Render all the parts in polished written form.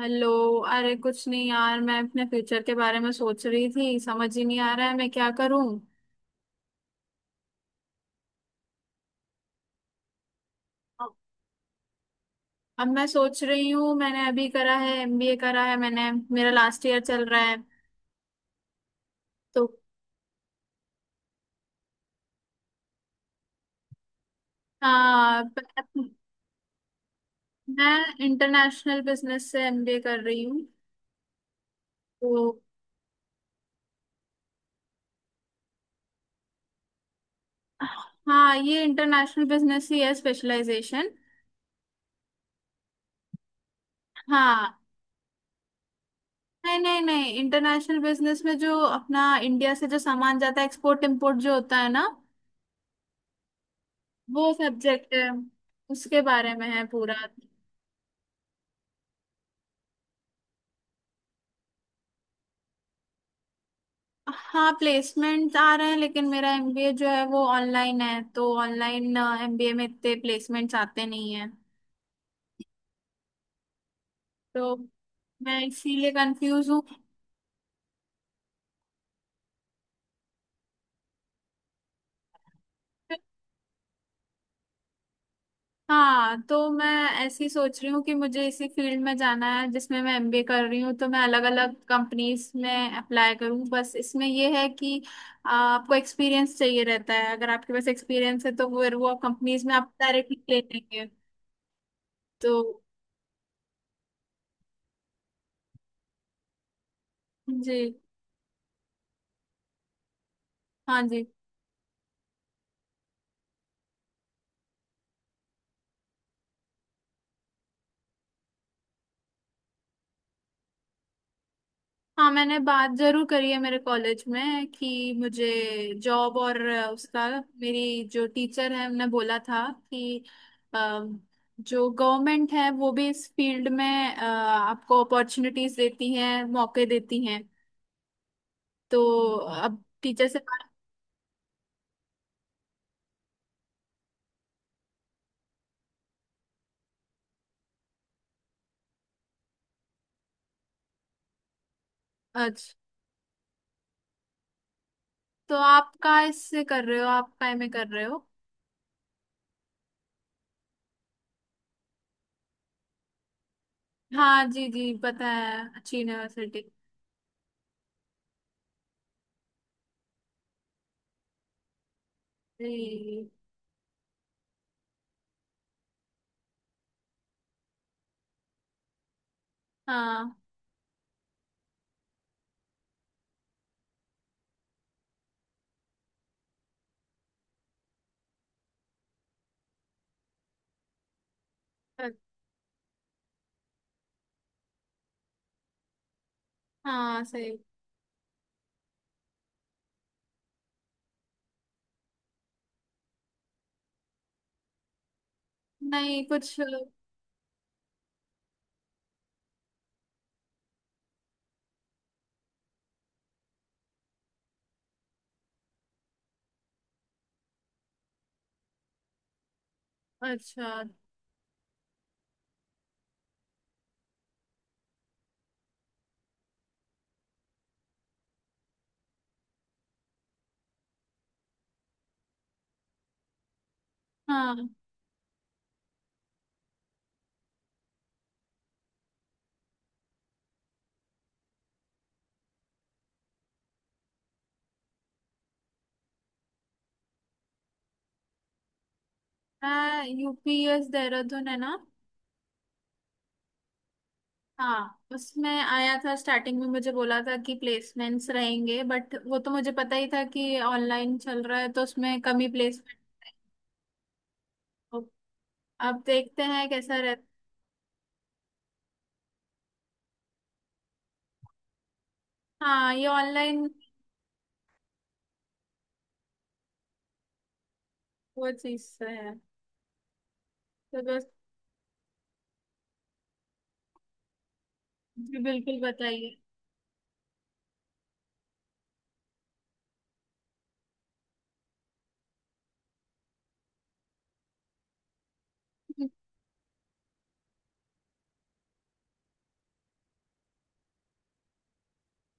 Hello. अरे कुछ नहीं यार, मैं अपने फ्यूचर के बारे में सोच रही थी। समझ ही नहीं आ रहा है मैं क्या करूं। अब अब मैं सोच रही हूँ, मैंने अभी करा है, एमबीए करा है मैंने। मेरा लास्ट ईयर चल रहा है। तो हाँ। मैं इंटरनेशनल बिजनेस से एमबीए कर रही हूँ। तो हाँ, ये इंटरनेशनल बिजनेस ही है स्पेशलाइजेशन। हाँ। नहीं नहीं नहीं, इंटरनेशनल बिजनेस में जो अपना इंडिया से जो सामान जाता है, एक्सपोर्ट इम्पोर्ट जो होता है ना, वो सब्जेक्ट है। उसके बारे में है पूरा। हाँ, प्लेसमेंट आ रहे हैं लेकिन मेरा एमबीए जो है वो ऑनलाइन है, तो ऑनलाइन एमबीए में इतने प्लेसमेंट्स आते नहीं है। तो मैं इसीलिए कंफ्यूज हूँ। हाँ, तो मैं ऐसी सोच रही हूँ कि मुझे इसी फील्ड में जाना है जिसमें मैं एमबीए कर रही हूँ, तो मैं अलग अलग कंपनीज में अप्लाई करूँ। बस इसमें यह है कि आपको एक्सपीरियंस चाहिए रहता है। अगर आपके पास एक्सपीरियंस है तो फिर वो कंपनीज में आप डायरेक्टली ले लेंगे। तो जी। हाँ जी। हाँ, मैंने बात जरूर करी है मेरे कॉलेज में कि मुझे जॉब और उसका, मेरी जो टीचर है उन्होंने बोला था कि अ, जो गवर्नमेंट है वो भी इस फील्ड में आपको अपॉर्चुनिटीज देती है, मौके देती हैं। तो अब टीचर से बात। अच्छा। तो आप का इससे कर रहे हो? आप काय में कर रहे हो? हाँ जी जी, पता है, अच्छी यूनिवर्सिटी। जी। हाँ। हाँ सही। नहीं कुछ। अच्छा। हाँ, मैं यूपीएस देहरादून है ना। हाँ, उसमें आया था, स्टार्टिंग में मुझे बोला था कि प्लेसमेंट्स रहेंगे, बट वो तो मुझे पता ही था कि ऑनलाइन चल रहा है तो उसमें कमी प्लेसमेंट। अब देखते हैं कैसा रहता। हाँ ये ऑनलाइन। वो चीज से है। तो बस। जी बिल्कुल, बताइए। हम्म।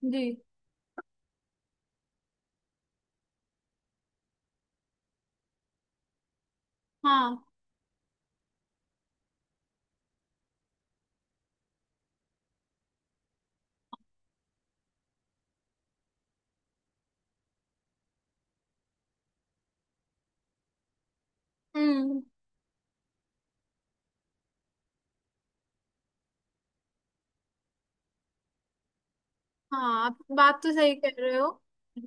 जी। हाँ। हम्म। हाँ, आप बात तो सही कह रहे हो।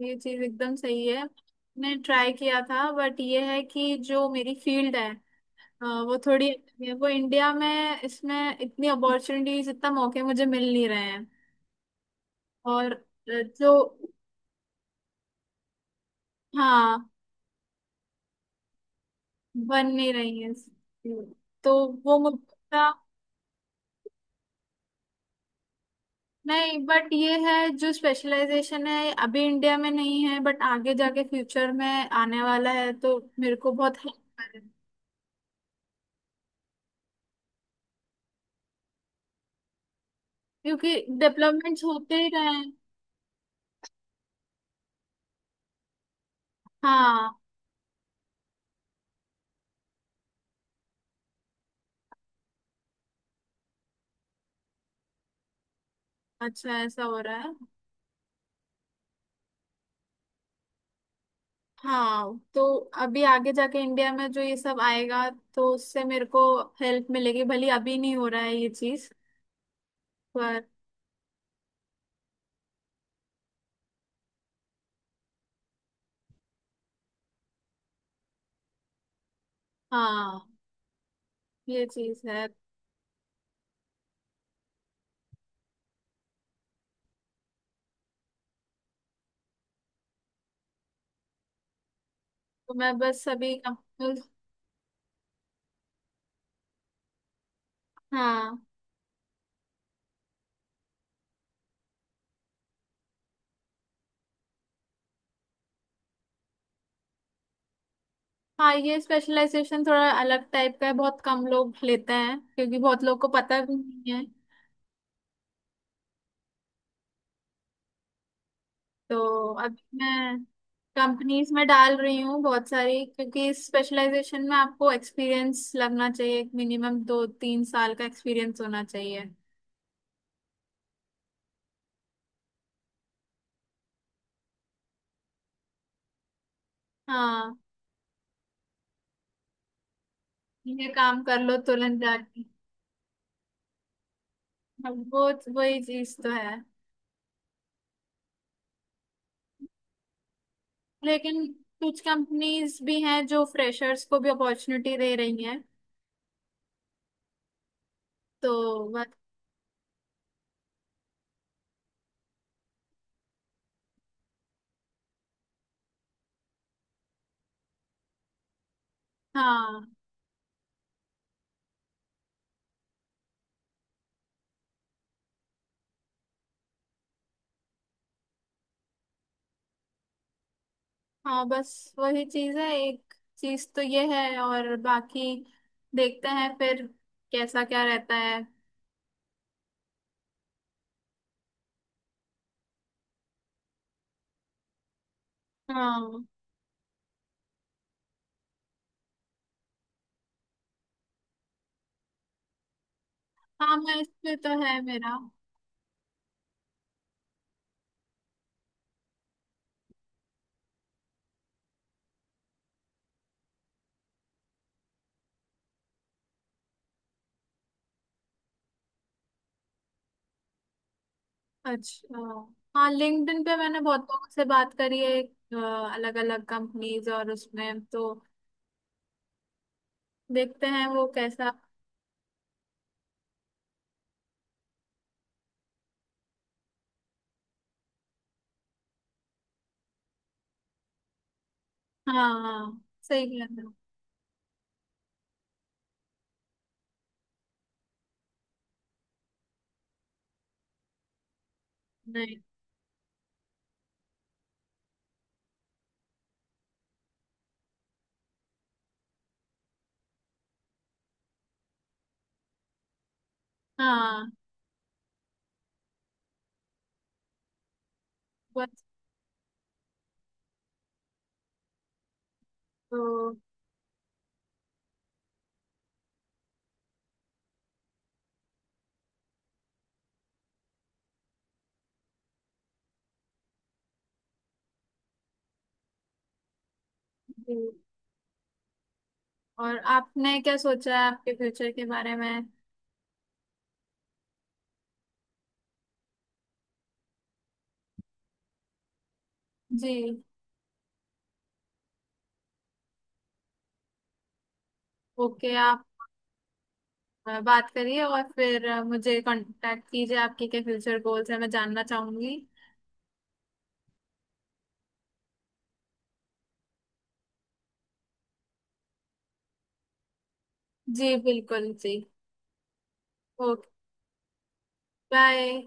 ये चीज एकदम सही है, मैंने ट्राई किया था, बट ये है कि जो मेरी फील्ड है। हाँ, वो थोड़ी अलग है, वो इंडिया में इसमें इतनी अपॉर्चुनिटीज, इतना मौके मुझे मिल नहीं रहे हैं। और जो। हाँ। बन नहीं रही है। तो वो मुद्दा। नहीं, बट ये है जो स्पेशलाइजेशन है अभी इंडिया में नहीं है, बट आगे जाके फ्यूचर में आने वाला है तो मेरे को बहुत हेल्प करेगा। क्योंकि डेवलपमेंट्स होते ही रहे हैं। हाँ। अच्छा, ऐसा हो रहा है। हाँ, तो अभी आगे जाके इंडिया में जो ये सब आएगा तो उससे मेरे को हेल्प मिलेगी भली, अभी नहीं हो रहा है ये चीज। पर हाँ, ये चीज है। तो मैं बस अभी हाँ हाँ, ये स्पेशलाइजेशन थोड़ा अलग टाइप का है, बहुत कम लोग लेते हैं, क्योंकि बहुत लोग को पता भी नहीं है। तो अभी मैं कंपनीज में डाल रही हूँ बहुत सारी, क्योंकि इस स्पेशलाइजेशन में आपको एक्सपीरियंस लगना चाहिए, मिनिमम 2-3 साल का एक्सपीरियंस होना चाहिए। हाँ, ये काम कर लो तुरंत जाके। अब वो, वही चीज तो है। लेकिन कुछ कंपनीज भी हैं जो फ्रेशर्स को भी अपॉर्चुनिटी दे रही हैं। तो बस। हाँ हाँ, बस वही चीज है, एक चीज तो ये है, और बाकी देखते हैं फिर कैसा क्या रहता है। हाँ हाँ, मैं इस पे तो है मेरा। अच्छा। हाँ, लिंक्डइन पे मैंने बहुत लोगों से बात करी है, अलग अलग कंपनीज, और उसमें तो देखते हैं वो कैसा। हाँ सही कह रहे हो। नहीं। हाँ बस। तो जी। और आपने क्या सोचा है आपके फ्यूचर के बारे में? जी। ओके, आप बात करिए और फिर मुझे कांटेक्ट कीजिए, आपके क्या फ्यूचर गोल्स हैं मैं जानना चाहूंगी। जी बिल्कुल, जी। Okay bye.